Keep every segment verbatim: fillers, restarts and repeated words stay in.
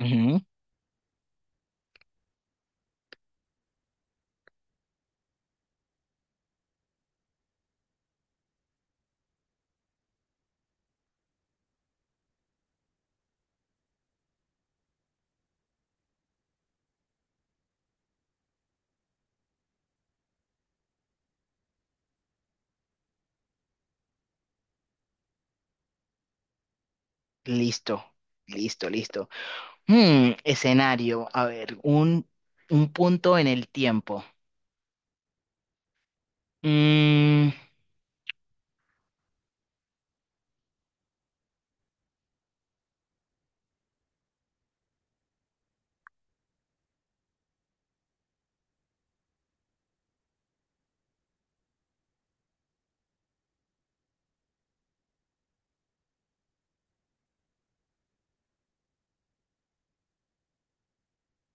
Ujú. Listo, listo, listo. Hmm, escenario, a ver, un, un punto en el tiempo. Mm,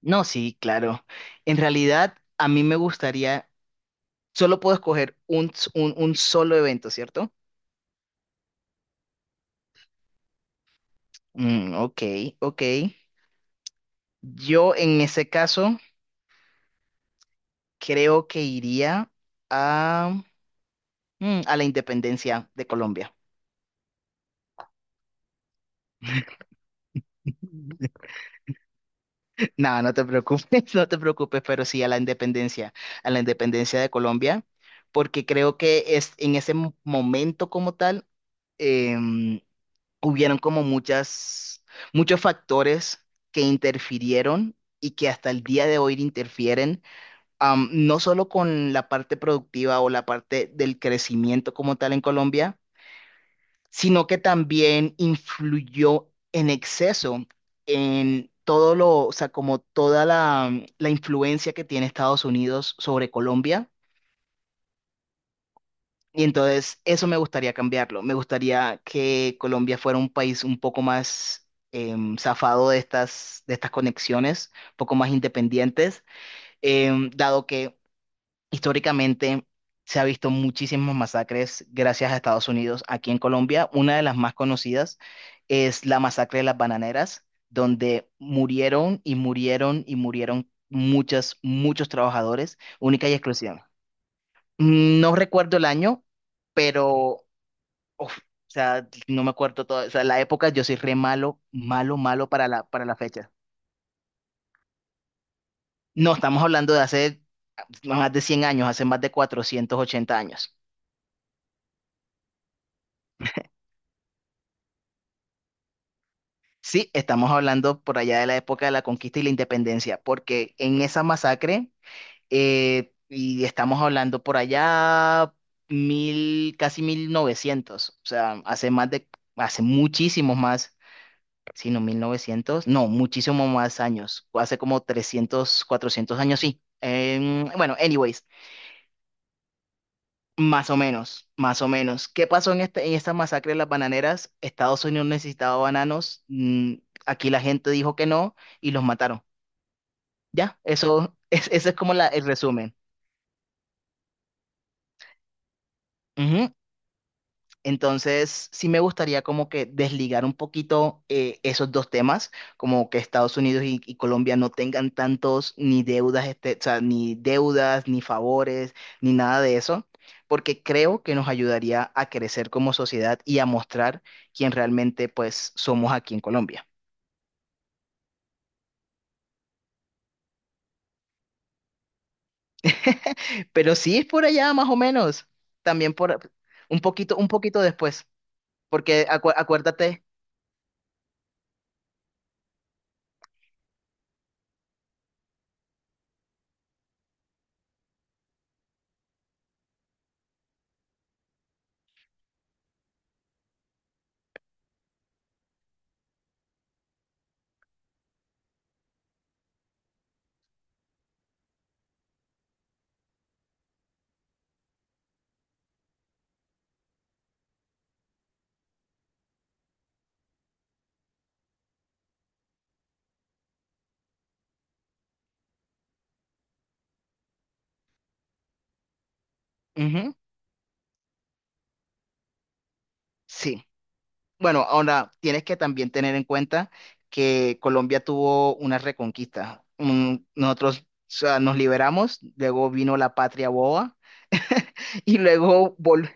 no, sí, claro. En realidad, a mí me gustaría, solo puedo escoger un, s- un, un solo evento, ¿cierto? Mm, ok, ok. Yo en ese caso creo que iría a, mm, a la independencia de Colombia. No, no te preocupes, no te preocupes, pero sí a la independencia, a la independencia de Colombia, porque creo que es en ese mo- momento como tal, em, hubieron como muchas, muchos factores que interfirieron y que hasta el día de hoy interfieren, am, no solo con la parte productiva o la parte del crecimiento como tal en Colombia, sino que también influyó en exceso en todo lo, o sea, como toda la, la influencia que tiene Estados Unidos sobre Colombia. Y entonces eso me gustaría cambiarlo. Me gustaría que Colombia fuera un país un poco más em, zafado de estas, de estas conexiones, un poco más independientes, em, dado que históricamente se ha visto muchísimas masacres gracias a Estados Unidos aquí en Colombia. Una de las más conocidas es la masacre de las bananeras, donde murieron y murieron y murieron muchas, muchos trabajadores, única y exclusiva. No recuerdo el año, pero uf, o sea, no me acuerdo todo, o sea, la época yo soy re malo, malo, malo para la, para la fecha. No, estamos hablando de hace ah, más de cien años, hace más de cuatrocientos ochenta años. Sí, estamos hablando por allá de la época de la conquista y la independencia, porque en esa masacre, eh, y estamos hablando por allá mil, casi mil novecientos, o sea, hace más de, hace muchísimos más, si no mil novecientos, no, muchísimos más años, hace como trescientos cuatrocientos años, sí. Em, bueno, anyways, más o menos, más o menos. ¿Qué pasó en, este- en esta masacre de las bananeras? Estados Unidos necesitaba bananos, mm, aquí la gente dijo que no y los mataron. Ya, eso es, ese es como la, el resumen. Ujú. Entonces, sí me gustaría como que desligar un poquito, eh, esos dos temas, como que Estados Unidos y, y Colombia no tengan tantos ni deudas, este, o sea, ni deudas, ni favores, ni nada de eso, porque creo que nos ayudaría a crecer como sociedad y a mostrar quién realmente pues somos aquí en Colombia. Pero sí es por allá más o menos, también por un poquito, un poquito después, porque acu- acuérdate. Ujú. Sí. Bueno, ahora tienes que también tener en cuenta que Colombia tuvo una reconquista. Mm. Nosotros, o sea, nos liberamos, luego vino la patria boba. Y luego vol-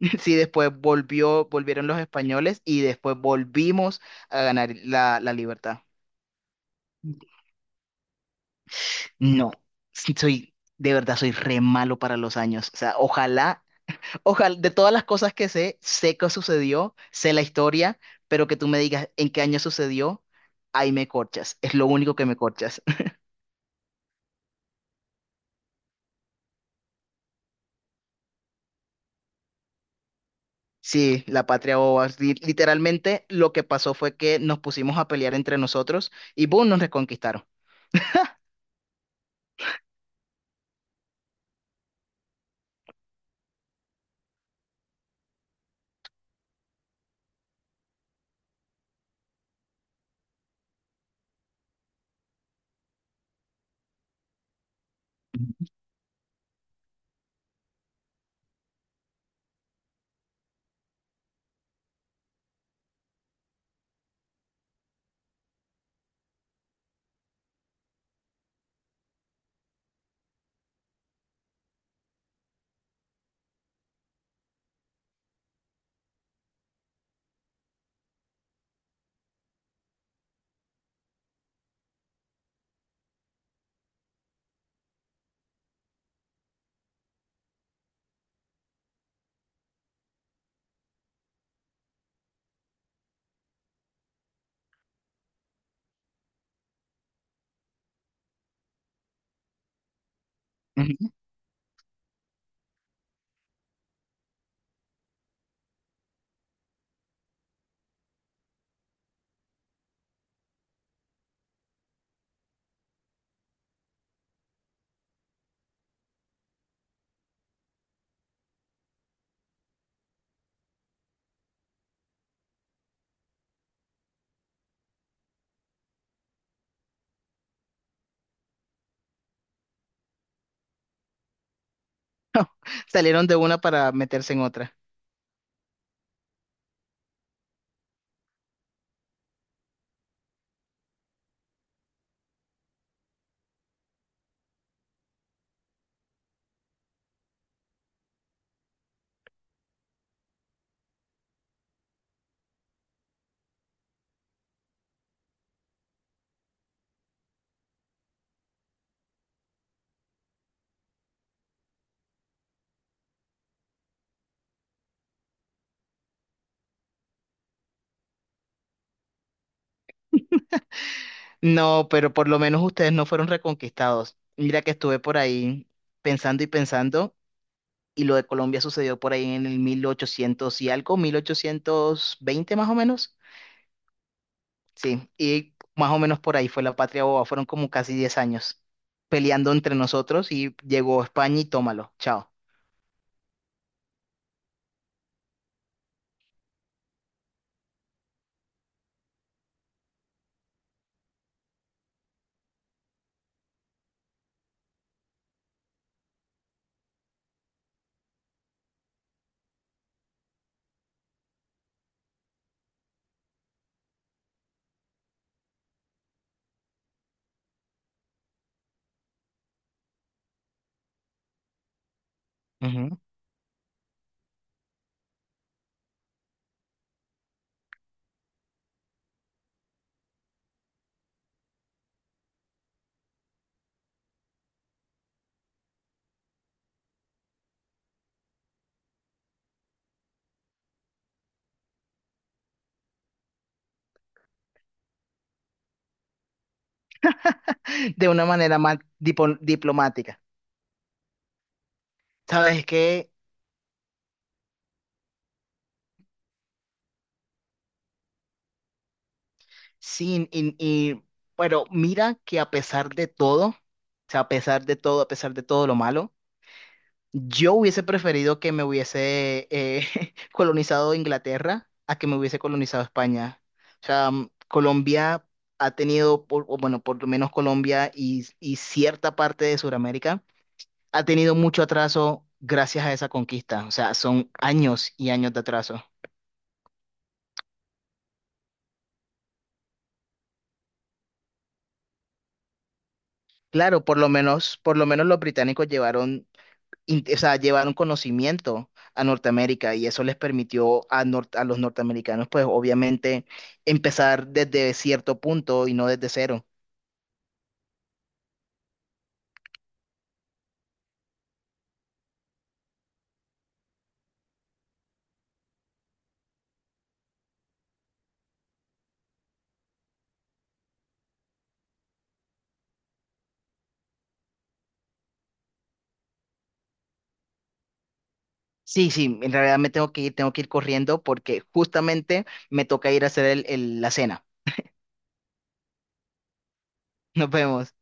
sí, después volvió, volvieron los españoles y después volvimos a ganar la, la libertad. No, soy, de verdad soy re malo para los años. O sea, ojalá. Ojalá, de todas las cosas que sé, sé qué sucedió, sé la historia, pero que tú me digas en qué año sucedió, ahí me corchas. Es lo único que me corchas. Sí, la patria boba. Li- Literalmente lo que pasó fue que nos pusimos a pelear entre nosotros y boom, nos reconquistaron. Ujú. Salieron de una para meterse en otra. No, pero por lo menos ustedes no fueron reconquistados. Mira que estuve por ahí pensando y pensando. Y lo de Colombia sucedió por ahí en el mil ochocientos y algo, mil ochocientos veinte más o menos. Sí, y más o menos por ahí fue la patria boba. Fueron como casi diez años peleando entre nosotros y llegó España y tómalo, chao. Ujú. De una manera más dipo- diplomática. ¿Sabes qué? Sí, y, y- pero mira que a pesar de todo, o sea, a pesar de todo, a pesar de todo lo malo, yo hubiese preferido que me hubiese eh, colonizado Inglaterra a que me hubiese colonizado España. O sea, mm, Colombia ha tenido, por- o bueno, por lo menos Colombia y, y cierta parte de Sudamérica, ha tenido mucho atraso gracias a esa conquista. O sea, son años y años de atraso. Claro, por lo menos, por lo menos los británicos llevaron in- o sea, llevaron conocimiento a Norteamérica y eso les permitió a, nor- a los norteamericanos, pues obviamente, empezar desde cierto punto y no desde cero. Sí, sí, en realidad me tengo que ir, tengo que ir corriendo porque justamente me toca ir a hacer el- el- la cena. Nos vemos.